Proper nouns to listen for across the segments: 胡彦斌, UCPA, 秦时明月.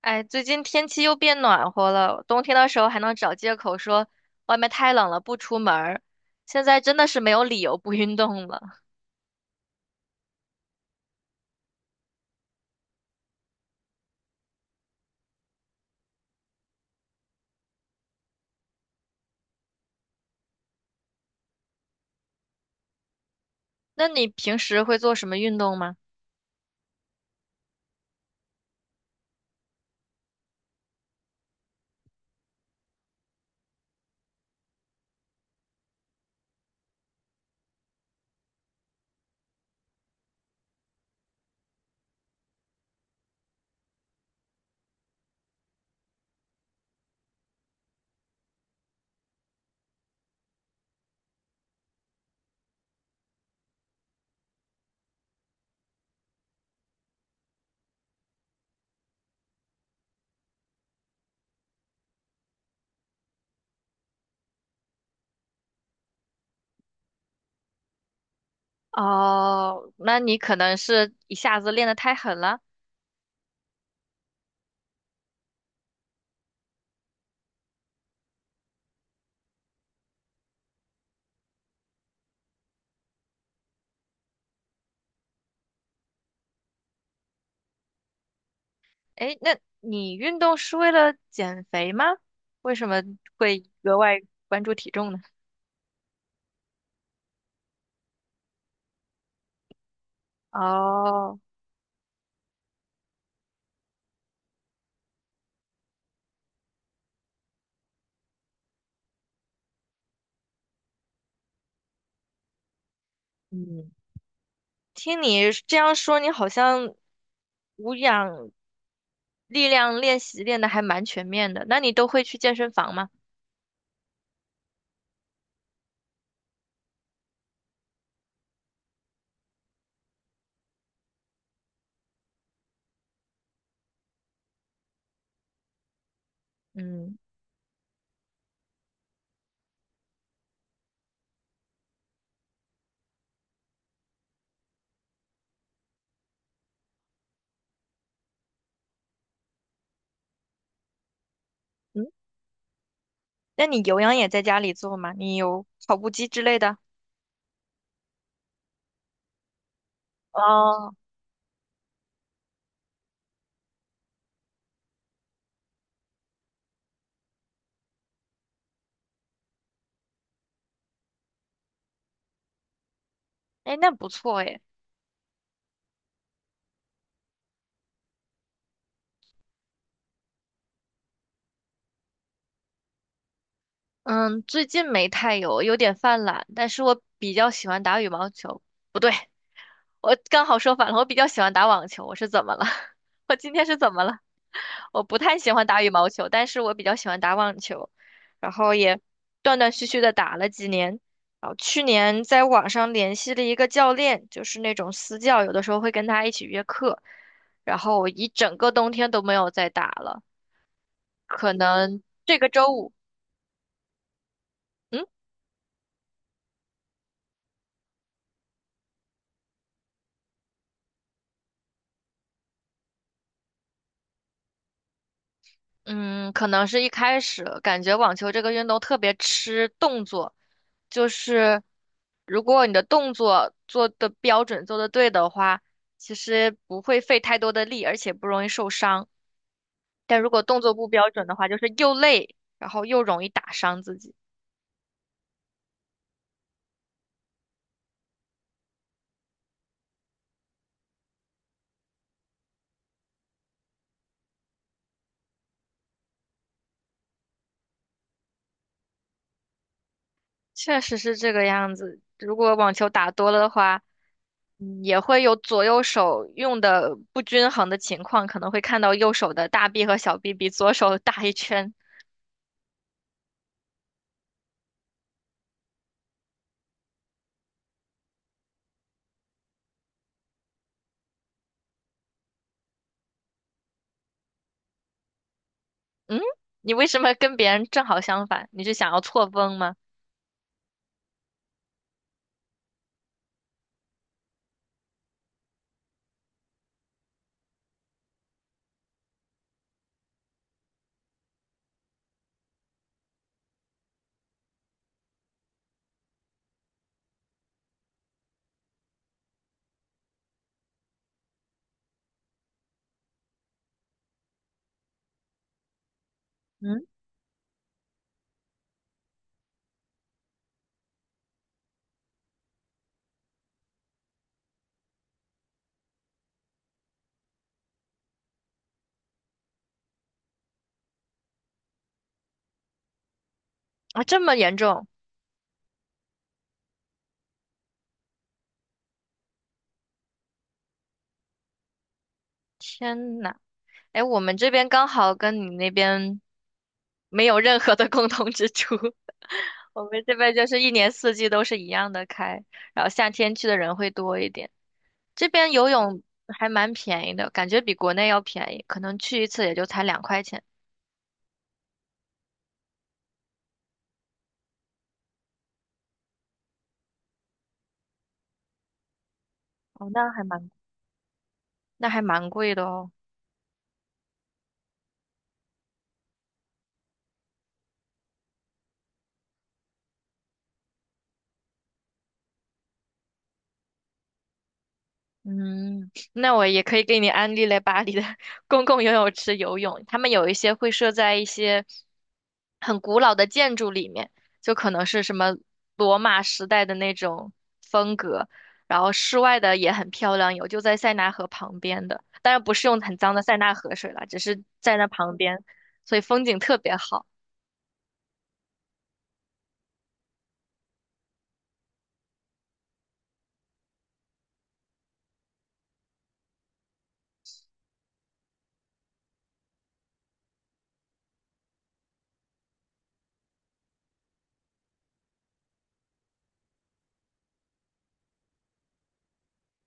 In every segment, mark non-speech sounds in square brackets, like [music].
哎，最近天气又变暖和了，冬天的时候还能找借口说外面太冷了不出门儿，现在真的是没有理由不运动了。那你平时会做什么运动吗？哦，那你可能是一下子练得太狠了。哎，那你运动是为了减肥吗？为什么会格外关注体重呢？哦，嗯，听你这样说，你好像无氧。力量练习练的还蛮全面的。那你都会去健身房吗？嗯嗯，那你有氧也在家里做吗？你有跑步机之类的？哦，哎，那不错哎。嗯，最近没太有，有点犯懒，但是我比较喜欢打羽毛球。不对。我刚好说反了，我比较喜欢打网球。我是怎么了？[laughs] 我今天是怎么了？我不太喜欢打羽毛球，但是我比较喜欢打网球，然后也断断续续的打了几年。然后去年在网上联系了一个教练，就是那种私教，有的时候会跟他一起约课。然后我一整个冬天都没有再打了，可能这个周五。嗯。嗯，可能是一开始感觉网球这个运动特别吃动作，就是如果你的动作做的标准、做的对的话，其实不会费太多的力，而且不容易受伤。但如果动作不标准的话，就是又累，然后又容易打伤自己。确实是这个样子。如果网球打多了的话，也会有左右手用的不均衡的情况，可能会看到右手的大臂和小臂比左手 [laughs] 大一圈。嗯，你为什么跟别人正好相反？你是想要错峰吗？嗯，啊，这么严重。天呐，哎，我们这边刚好跟你那边没有任何的共同之处，[laughs] 我们这边就是一年四季都是一样的开，然后夏天去的人会多一点。这边游泳还蛮便宜的，感觉比国内要便宜，可能去一次也就才两块钱。哦，那还蛮贵的哦。嗯，那我也可以给你安利来巴黎的 [laughs] 公共游泳池游泳，他们有一些会设在一些很古老的建筑里面，就可能是什么罗马时代的那种风格，然后室外的也很漂亮，有就在塞纳河旁边的，当然不是用很脏的塞纳河水啦，只是在那旁边，所以风景特别好。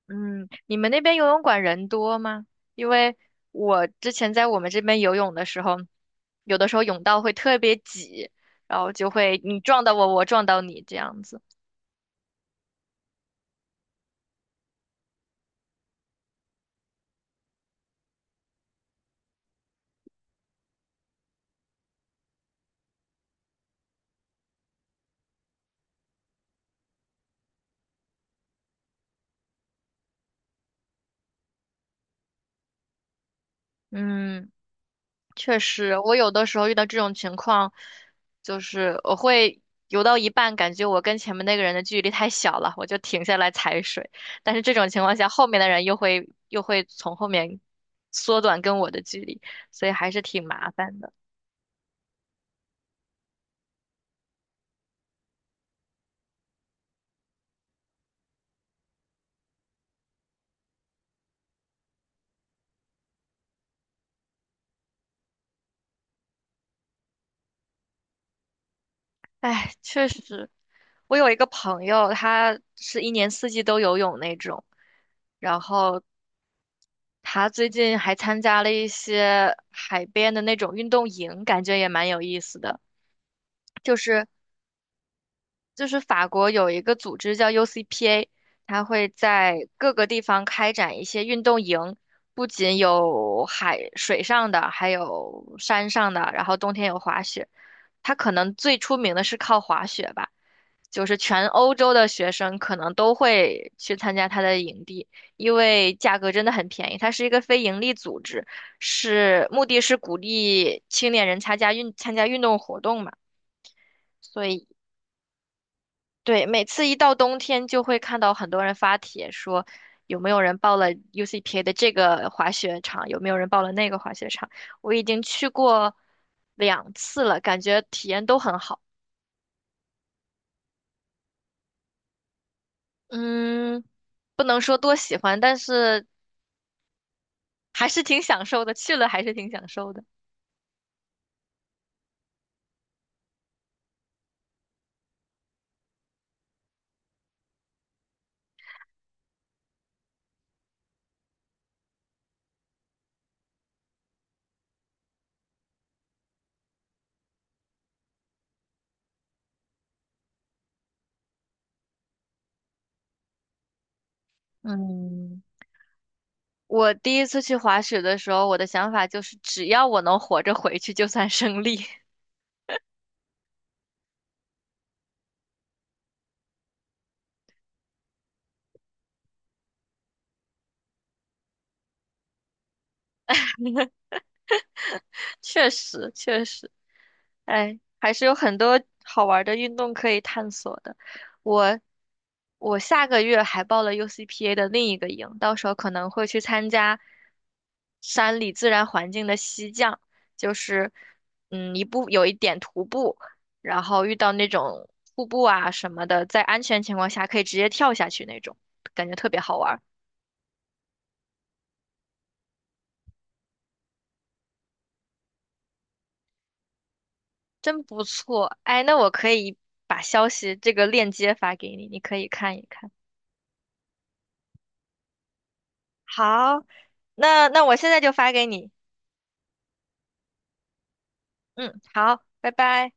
嗯，你们那边游泳馆人多吗？因为我之前在我们这边游泳的时候，有的时候泳道会特别挤，然后就会你撞到我，我撞到你这样子。嗯，确实，我有的时候遇到这种情况，就是我会游到一半，感觉我跟前面那个人的距离太小了，我就停下来踩水。但是这种情况下，后面的人又会从后面缩短跟我的距离，所以还是挺麻烦的。哎，确实，我有一个朋友，他是一年四季都游泳那种，然后他最近还参加了一些海边的那种运动营，感觉也蛮有意思的。就是就是法国有一个组织叫 UCPA，他会在各个地方开展一些运动营，不仅有海水上的，还有山上的，然后冬天有滑雪。他可能最出名的是靠滑雪吧，就是全欧洲的学生可能都会去参加他的营地，因为价格真的很便宜。它是一个非盈利组织，是目的是鼓励青年人参加运动活动嘛，所以对，每次一到冬天就会看到很多人发帖说。有没有人报了 UCPA 的这个滑雪场？有没有人报了那个滑雪场？我已经去过两次了，感觉体验都很好。嗯，不能说多喜欢，但是还是挺享受的，去了还是挺享受的。嗯，我第一次去滑雪的时候，我的想法就是，只要我能活着回去，就算胜利。确实确实，哎，还是有很多好玩儿的运动可以探索的。我我下个月还报了 UCPA 的另一个营，到时候可能会去参加山里自然环境的溪降，就是嗯一步有一点徒步，然后遇到那种瀑布啊什么的，在安全情况下可以直接跳下去那种，感觉特别好玩儿，真不错。哎，那我可以把消息这个链接发给你，你可以看一看。好，那我现在就发给你。嗯，好，拜拜。